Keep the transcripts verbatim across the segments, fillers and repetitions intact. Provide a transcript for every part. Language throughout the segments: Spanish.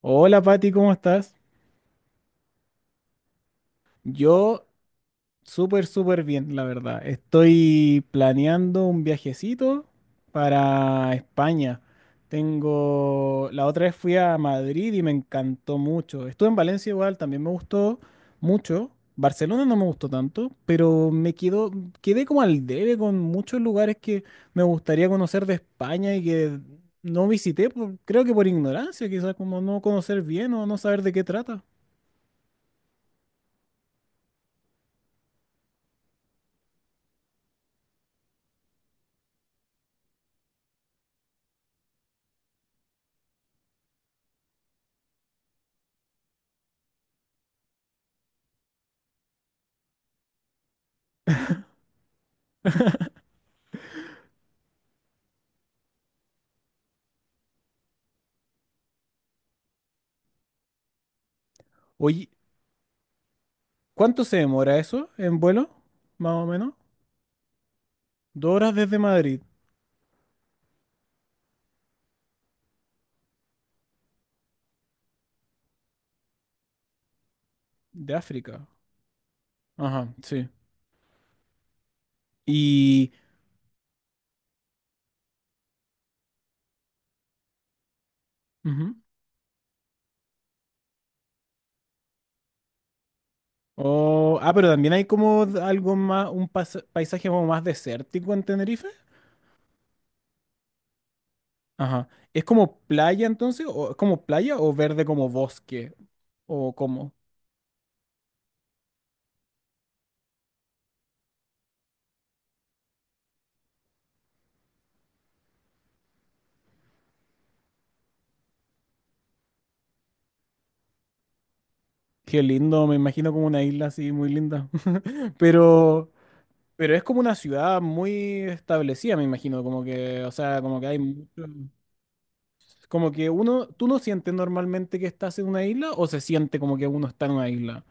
Hola Pati, ¿cómo estás? Yo súper, súper bien, la verdad. Estoy planeando un viajecito para España. Tengo, la otra vez fui a Madrid y me encantó mucho. Estuve en Valencia igual, también me gustó mucho. Barcelona no me gustó tanto, pero me quedó, quedé como al debe con muchos lugares que me gustaría conocer de España y que no visité, por- creo que por ignorancia, quizás como no conocer bien o no saber de qué trata. Oye, ¿Cuánto se demora eso en vuelo? Más o menos. Dos horas desde Madrid, de África. Ajá, sí. Y... Ujú. Oh, ah, pero también hay como algo más, un pas- paisaje como más desértico en Tenerife. Ajá. ¿Es como playa entonces? ¿O es como playa o verde como bosque? ¿O como? Qué lindo, me imagino como una isla así muy linda. Pero, pero es como una ciudad muy establecida, me imagino, como que, o sea, como que hay mucho. Como que uno, ¿tú no sientes normalmente que estás en una isla o se siente como que uno está en una isla?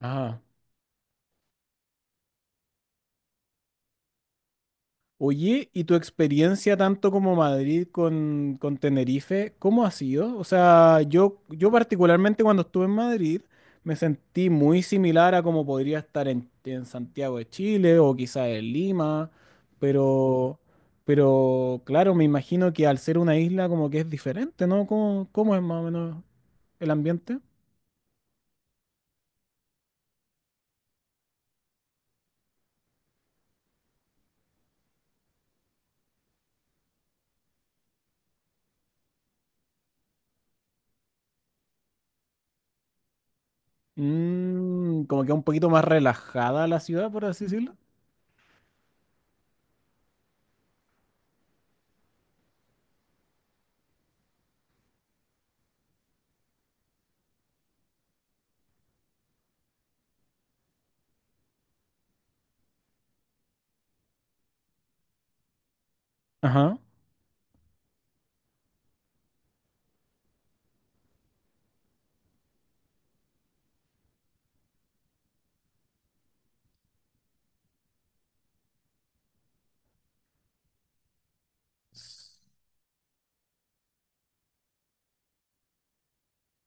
Ah. Oye, ¿y tu experiencia tanto como Madrid con, con Tenerife, cómo ha sido? O sea, yo, yo particularmente cuando estuve en Madrid me sentí muy similar a como podría estar en, en Santiago de Chile o quizás en Lima, pero, pero claro, me imagino que al ser una isla como que es diferente, ¿no? ¿Cómo, cómo es más o menos el ambiente? Mm, como que un poquito más relajada la ciudad, por así decirlo. Ajá.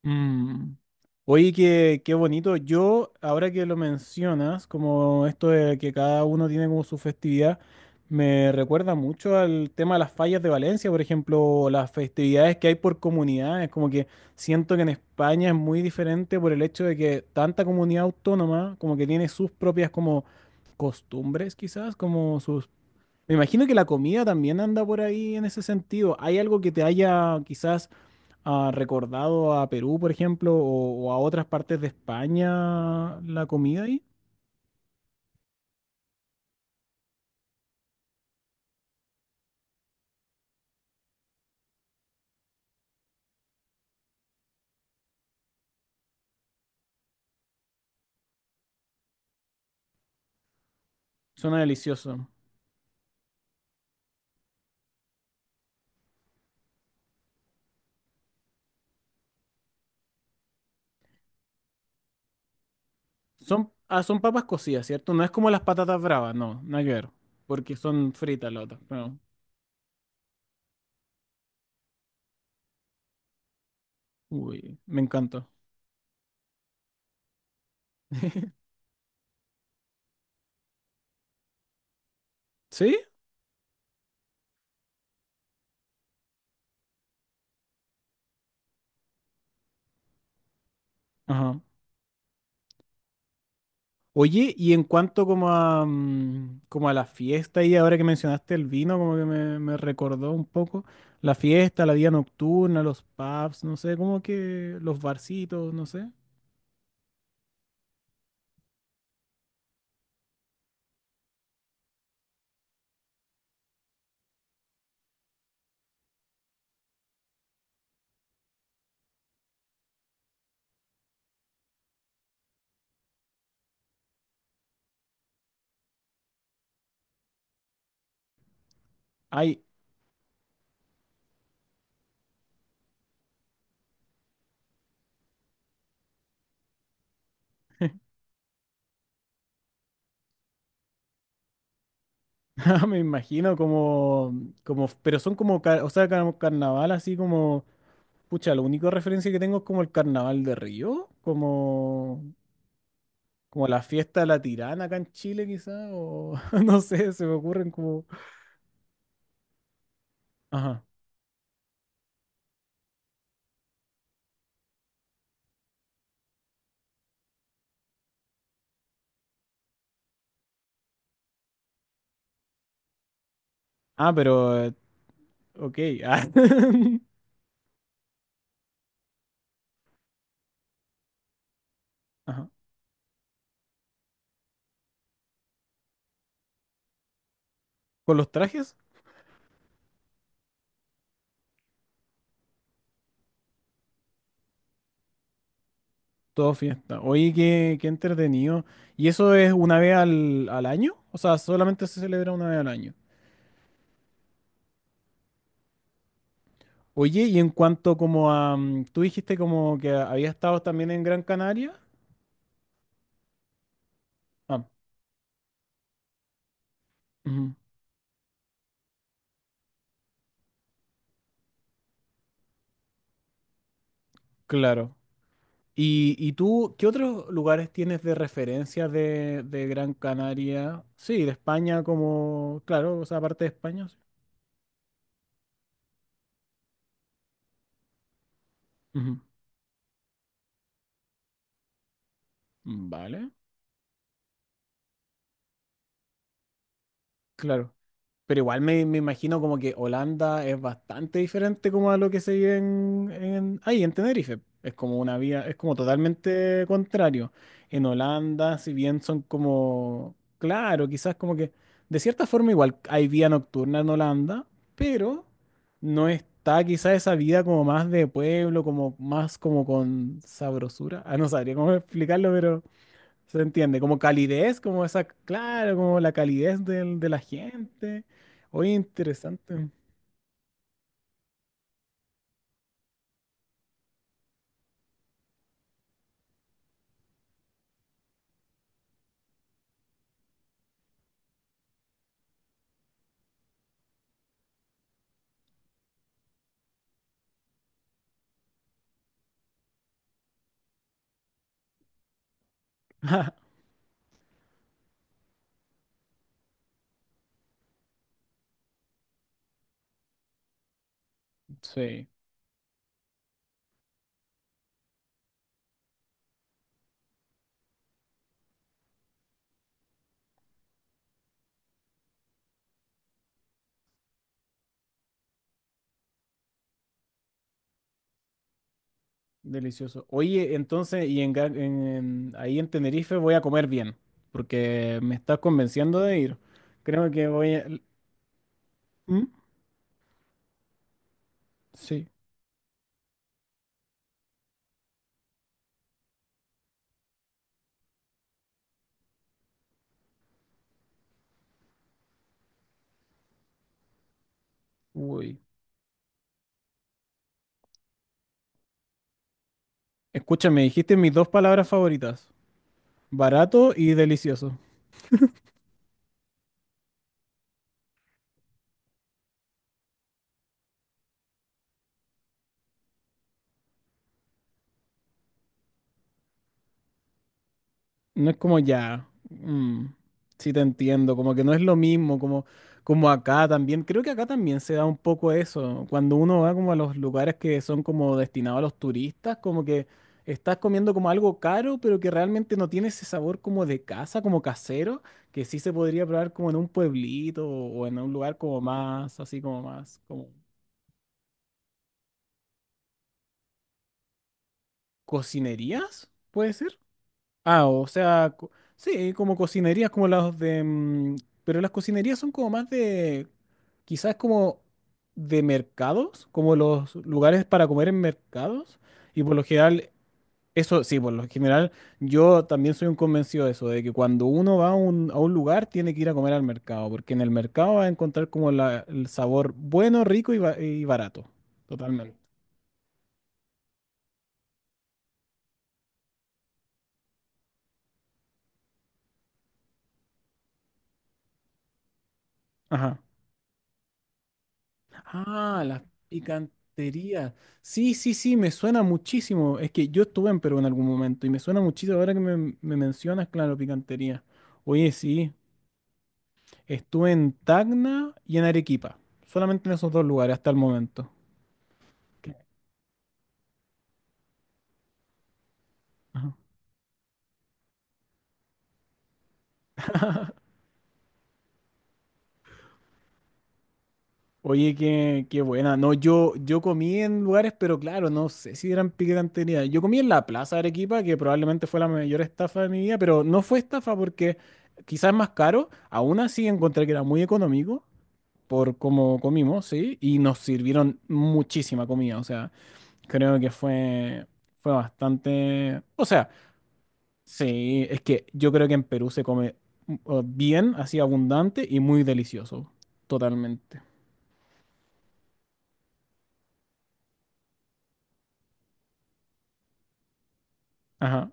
Mm. Oye, qué, qué bonito. Yo, ahora que lo mencionas, como esto de que cada uno tiene como su festividad, me recuerda mucho al tema de las fallas de Valencia, por ejemplo, o las festividades que hay por comunidades. Como que siento que en España es muy diferente por el hecho de que tanta comunidad autónoma, como que tiene sus propias como costumbres, quizás, como sus... Me imagino que la comida también anda por ahí en ese sentido. ¿Hay algo que te haya quizás ah, recordado a Perú, por ejemplo, o, o a otras partes de España la comida ahí? Suena delicioso. Son, ah, son papas cocidas, ¿cierto? No es como las patatas bravas, no, nada que ver, porque son fritas las otras. Pero, uy, me encanta. ¿Sí? Ajá. Oye, y en cuanto como a, mm, como a la fiesta y ahora que mencionaste el vino, como que me, me recordó un poco la fiesta, la vida nocturna, los pubs, no sé, como que los barcitos, no sé. Ay, me imagino como, como, pero son como, car- o sea, como carnaval así como, pucha, la única referencia que tengo es como el carnaval de Río, como, como la fiesta de la Tirana acá en Chile quizá, o no sé, se me ocurren como... Ajá. Ah, pero Ok. Ah. Ajá. Con los trajes, todo fiesta. Oye, qué, qué entretenido. ¿Y eso es una vez al, al año? O sea, solamente se celebra una vez al año. Oye, y en cuanto como a... Mm. Tú dijiste como que habías estado también en Gran Canaria. Ah, ujú, claro. ¿Y, y tú qué otros lugares tienes de referencia de, de Gran Canaria? Sí, de España como... Claro, o sea, aparte de España. Sí. Ujú. Vale, claro. Pero igual me, me imagino como que Holanda es bastante diferente como a lo que se vive en, en- ahí, en Tenerife. Es como una vía es como totalmente contrario. En Holanda, si bien son como, claro, quizás como que, de cierta forma igual hay vía nocturna en Holanda, pero no está quizás esa vida como más de pueblo, como más como con sabrosura. Ah, no sabría cómo explicarlo, se entiende, como calidez, como esa, claro, como la calidez del- de la gente. Oye, interesante. Sí, delicioso. Oye, entonces, y en, Ga- en- en- ahí en Tenerife voy a comer bien, porque me estás convenciendo de ir. Creo que voy a... ¿Mm? Sí, uy. Escúchame, dijiste mis dos palabras favoritas, barato y delicioso. No es como ya. Mm, sí, te entiendo, como que no es lo mismo, como, como acá también. Creo que acá también se da un poco eso. Cuando uno va como a los lugares que son como destinados a los turistas, como que estás comiendo como algo caro, pero que realmente no tiene ese sabor como de casa, como casero, que sí se podría probar como en un pueblito o en un lugar como más, así como más, como cocinerías, puede ser. Ah, o sea, co- sí, como cocinerías como las de... mm, pero las cocinerías son como más de... Quizás como de mercados, como los lugares para comer en mercados. Y por lo general, eso sí, por lo general, yo también soy un convencido de eso, de que cuando uno va a un, a un lugar tiene que ir a comer al mercado, porque en el mercado va a encontrar como la- el sabor bueno, rico y, ba- y barato. Totalmente. Ajá. Ah, las picanterías. Sí, sí, sí, me suena muchísimo. Es que yo estuve en Perú en algún momento y me suena muchísimo ahora que me, me mencionas, claro, picantería. Oye, sí, estuve en Tacna y en Arequipa. Solamente en esos dos lugares hasta el momento. Que- ajá. Oye, qué, qué buena. No, yo, yo comí en lugares, pero claro, no sé si eran picantería. Yo comí en la Plaza de Arequipa, que probablemente fue la mayor estafa de mi vida, pero no fue estafa porque quizás es más caro. Aún así encontré que era muy económico. Por cómo comimos, ¿sí? Y nos sirvieron muchísima comida, o sea, creo que fue, fue bastante... O sea, sí, es que yo creo que en Perú se come mm, uh, bien, así abundante y muy delicioso, totalmente. Ajá,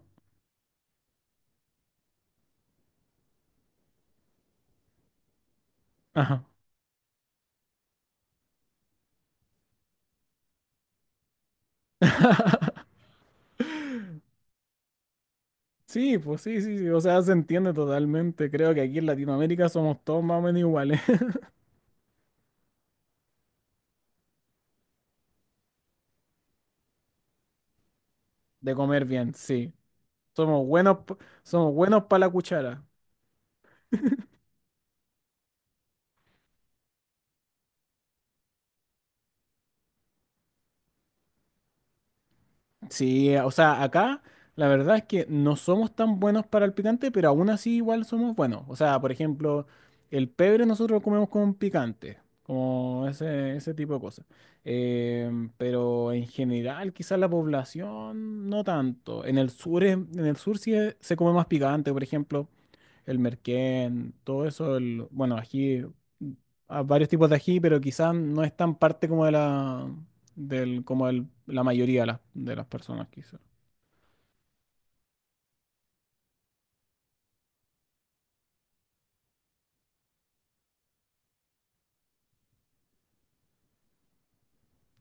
ajá. Sí, pues sí, sí, sí, o sea, se entiende totalmente. Creo que aquí en Latinoamérica somos todos más o menos iguales. De comer bien, sí. Somos buenos, p- somos buenos para la cuchara. Sí, eh, o sea, acá la verdad es que no somos tan buenos para el picante, pero aún así igual somos buenos. O sea, por ejemplo, el pebre nosotros lo comemos con picante, como ese, ese tipo de cosas. Em, pero en general, quizás la población no tanto. En el sur, es- en el sur sí es- se come más picante, por ejemplo el merquén, todo eso, el, bueno, ají, mm, a varios tipos de ají, pero quizás no es tan parte como de la, del, como el- la mayoría de las, de las personas, quizás.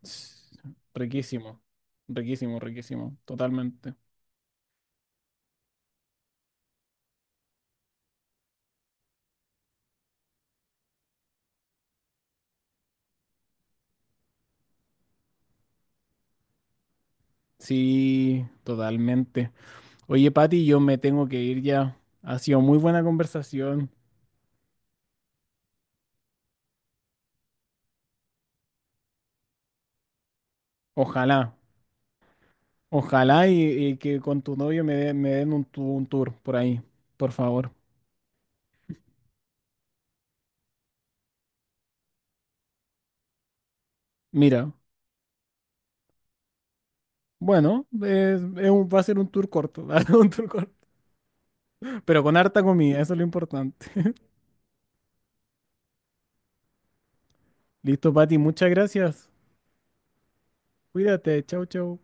Ts- Riquísimo, riquísimo, riquísimo, totalmente. Sí, totalmente. Oye, Pati, yo me tengo que ir ya. Ha sido muy buena conversación. Ojalá, ojalá y, y que con tu novio me, de- me den un, tu- un tour por ahí, por favor. Mira. Bueno, es- es un- va a ser un tour corto, un tour corto, pero con harta comida, eso es lo importante. Listo, Pati, muchas gracias. Cuídate, chau, chau.